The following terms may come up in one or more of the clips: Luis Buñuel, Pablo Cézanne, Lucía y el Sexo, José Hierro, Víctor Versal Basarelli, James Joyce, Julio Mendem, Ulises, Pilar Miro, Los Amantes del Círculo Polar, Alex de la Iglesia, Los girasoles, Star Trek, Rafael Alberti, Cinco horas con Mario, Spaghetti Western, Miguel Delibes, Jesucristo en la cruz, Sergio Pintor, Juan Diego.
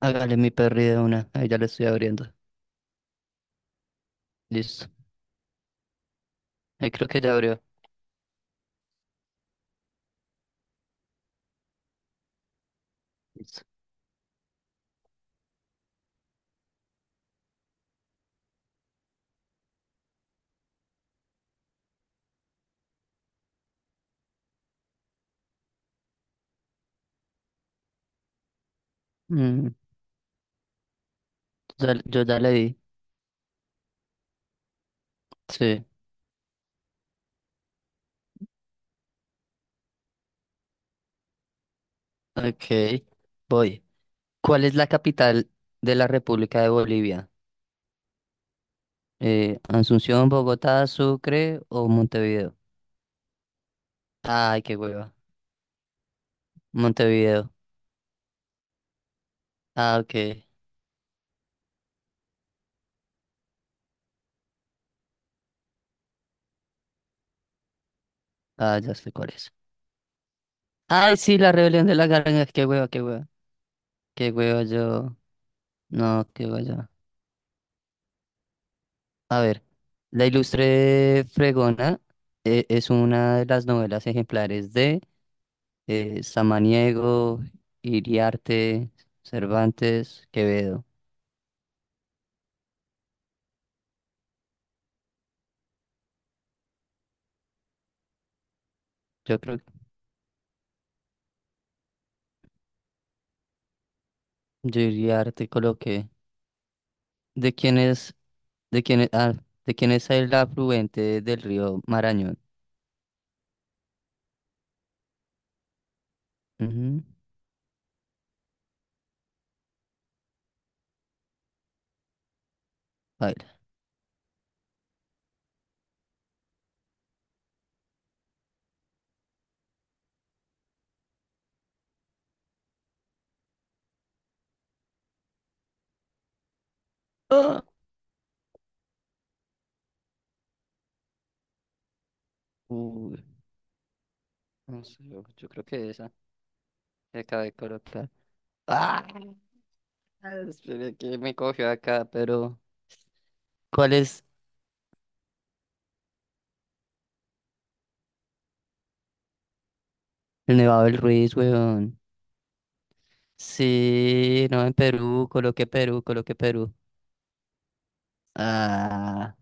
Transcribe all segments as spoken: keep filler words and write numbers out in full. Hágale mi perri de una. Ahí ya le estoy abriendo. Listo. Ahí creo que ya abrió. Listo. Mm, ya- yo ya le di. Sí. Ok. Voy. ¿Cuál es la capital de la República de Bolivia? Eh, Asunción, Bogotá, Sucre o Montevideo. Ay, qué hueva. Montevideo. Ah, ok. Ah, ya sé cuál es. Ay, sí, la rebelión de la garganta. Qué hueva, qué hueva. Qué hueva yo. No, qué hueva yo. A ver, La Ilustre Fregona eh, es una de las novelas ejemplares de eh, Samaniego, Iriarte, Cervantes, Quevedo. Yo creo que yo Iriarte coloqué. ¿De quién es, de quién es, ah, ¿De quién es el afluente del río Marañón? Ujú, baila. ¡Ah! Uy, no sé, yo, yo creo que esa que acabé de colocar. ¡Ah! Esperé que me cogió acá, pero ¿cuál es? El Nevado del Ruiz, weón. Sí, no, en Perú, coloqué Perú, coloqué Perú. Ah,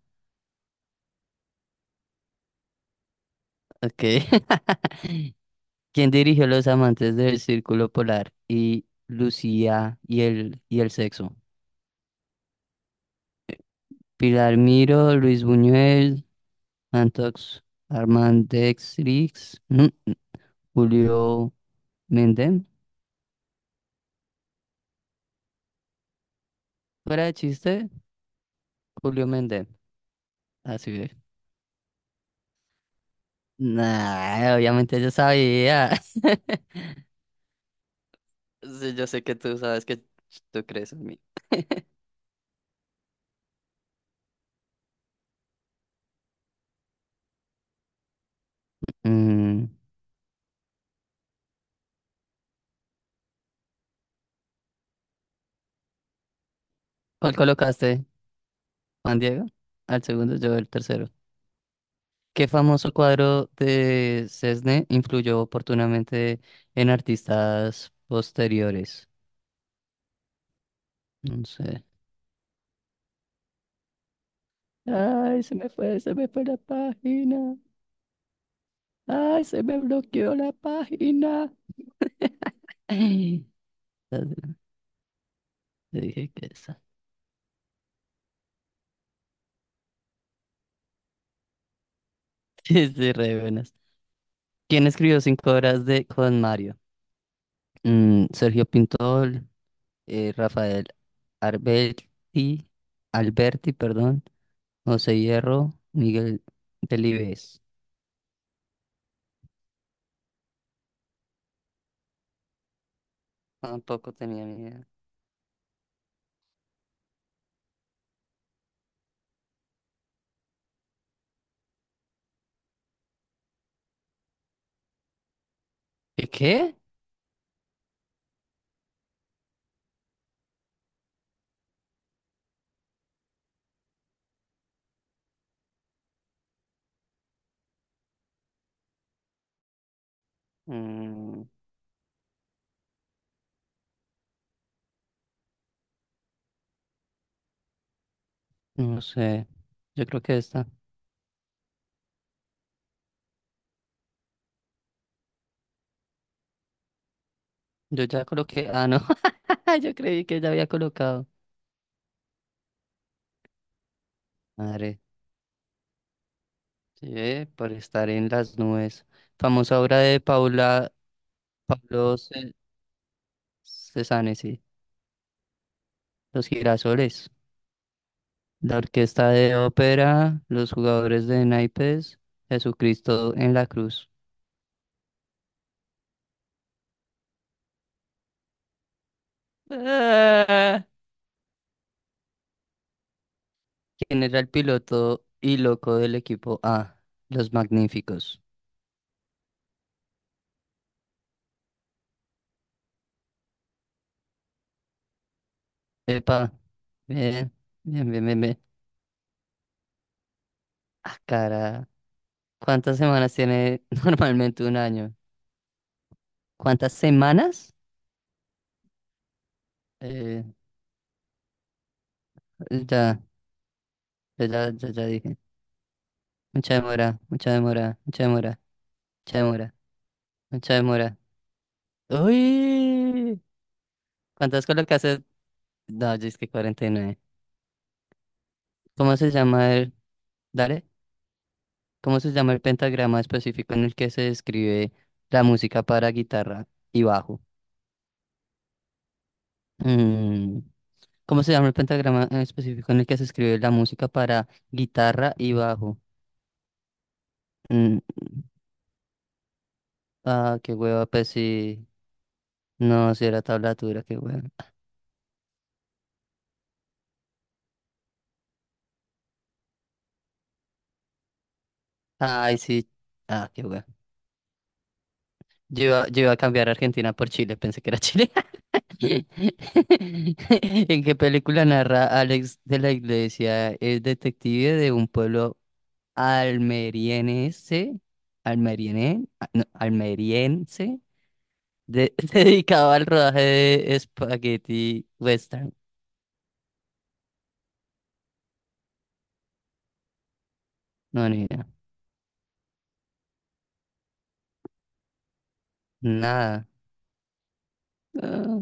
ok. ¿Quién dirigió Los Amantes del Círculo Polar y Lucía y el, y el Sexo? Pilar Miro, Luis Buñuel, Antox Armandextrix, ujú, Julio Mendem. Fuera de chiste, Julio Mendem. Así es. Nah, obviamente yo sabía. Sí, yo sé que tú sabes que tú crees en mí. Mm, ¿Cuál Ok. colocaste, Juan Diego? Al segundo, yo el tercero. ¿Qué famoso cuadro de Cesne influyó oportunamente en artistas posteriores? No sé. Ay, se me fue, se me fue la página. Ay, se me bloqueó la página. Ay, las- te dije que esa. Sí, sí, re buenas. ¿Quién escribió cinco horas de Con Mario? Mm, Sergio Pintor, eh, Rafael Alberti, Alberti, perdón, José Hierro, Miguel Delibes. Tampoco tenía ni idea. ¿Y qué? Mm, no sé. Yo creo que esta. Yo ya coloqué. Ah, no. Yo creí que ya había colocado. Madre. Sí, eh, por estar en las nubes. Famosa obra de Paula, Pablo Ce- Cézanne, sí. Los girasoles. La orquesta de ópera, los jugadores de naipes, Jesucristo en la cruz. Ah. ¿Quién era el piloto y loco del equipo A? Los magníficos. Epa, bien, bien, bien, bien, bien. Ah, cara, ¿cuántas semanas tiene normalmente un año? ¿Cuántas semanas? Eh, ya, ya, ya, ya, ya dije. Mucha demora, mucha demora, mucha demora, mucha demora, mucha demora. ¡Uy! ¿Cuántas colocaste No, yo es que cuarenta y nueve. ¿Cómo se llama el... Dale, ¿cómo se llama el pentagrama específico en el que se describe la música para guitarra y bajo? Mm, ¿Cómo se llama el pentagrama en específico en el que se escribe la música para guitarra y bajo? Mm, Ah, qué hueva, pues sí. No, si era tablatura, qué hueva. Ay, sí. Ah, qué hueva. Yo iba, yo iba a cambiar Argentina por Chile, pensé que era Chile. ¿En qué película narra Alex de la Iglesia? Es detective de un pueblo almeriense, almeriene- ah, no, almeriense, de- dedicado al rodaje de Spaghetti Western. No, ni idea. Nada. Ah,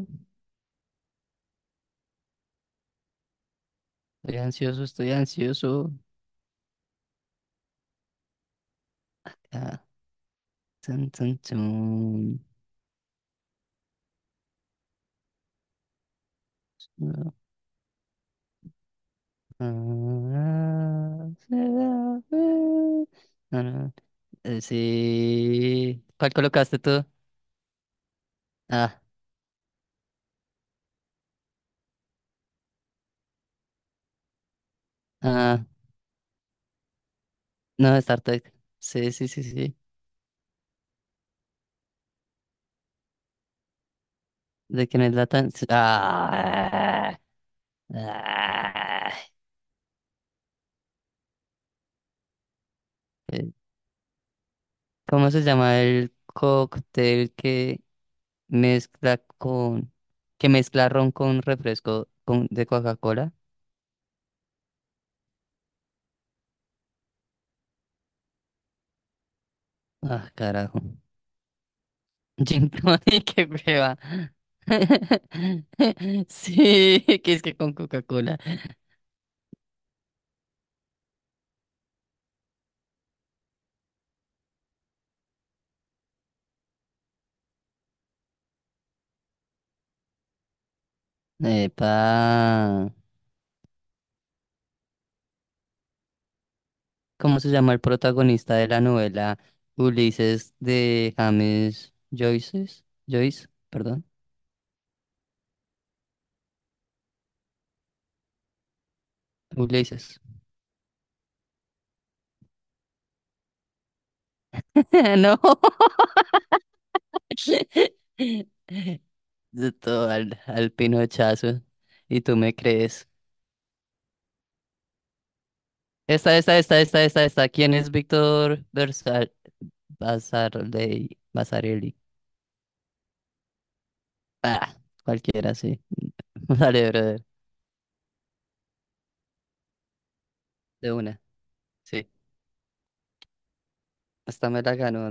estoy ansioso, estoy ansioso. Ah, tun, tun, tun. Ah, ah, ah, ah, ah. ah, No, no, no. Eh, Sí. ¿Cuál colocaste tú? Ah, ah, no, Star Trek. Sí, sí, sí, sí. De quién es la tan. Ah, ah. Eh, ¿Cómo se llama el cóctel que mezcla con. que mezcla ron con refresco con... de Coca-Cola? Ah, carajo. Gin tonic, qué prueba. Sí, que es que con Coca-Cola. Epa. ¿Cómo se llama el protagonista de la novela Ulises de James Joyce? Joyce, perdón. Ulises. No. De todo al, al pinochazo. Y tú me crees. Esta, esta, esta, esta, esta, esta. ¿Quién es Víctor Versal Basarley- Basarelli? Ah, cualquiera, sí. Dale, brother. De una. Sí. Esta me la ganó.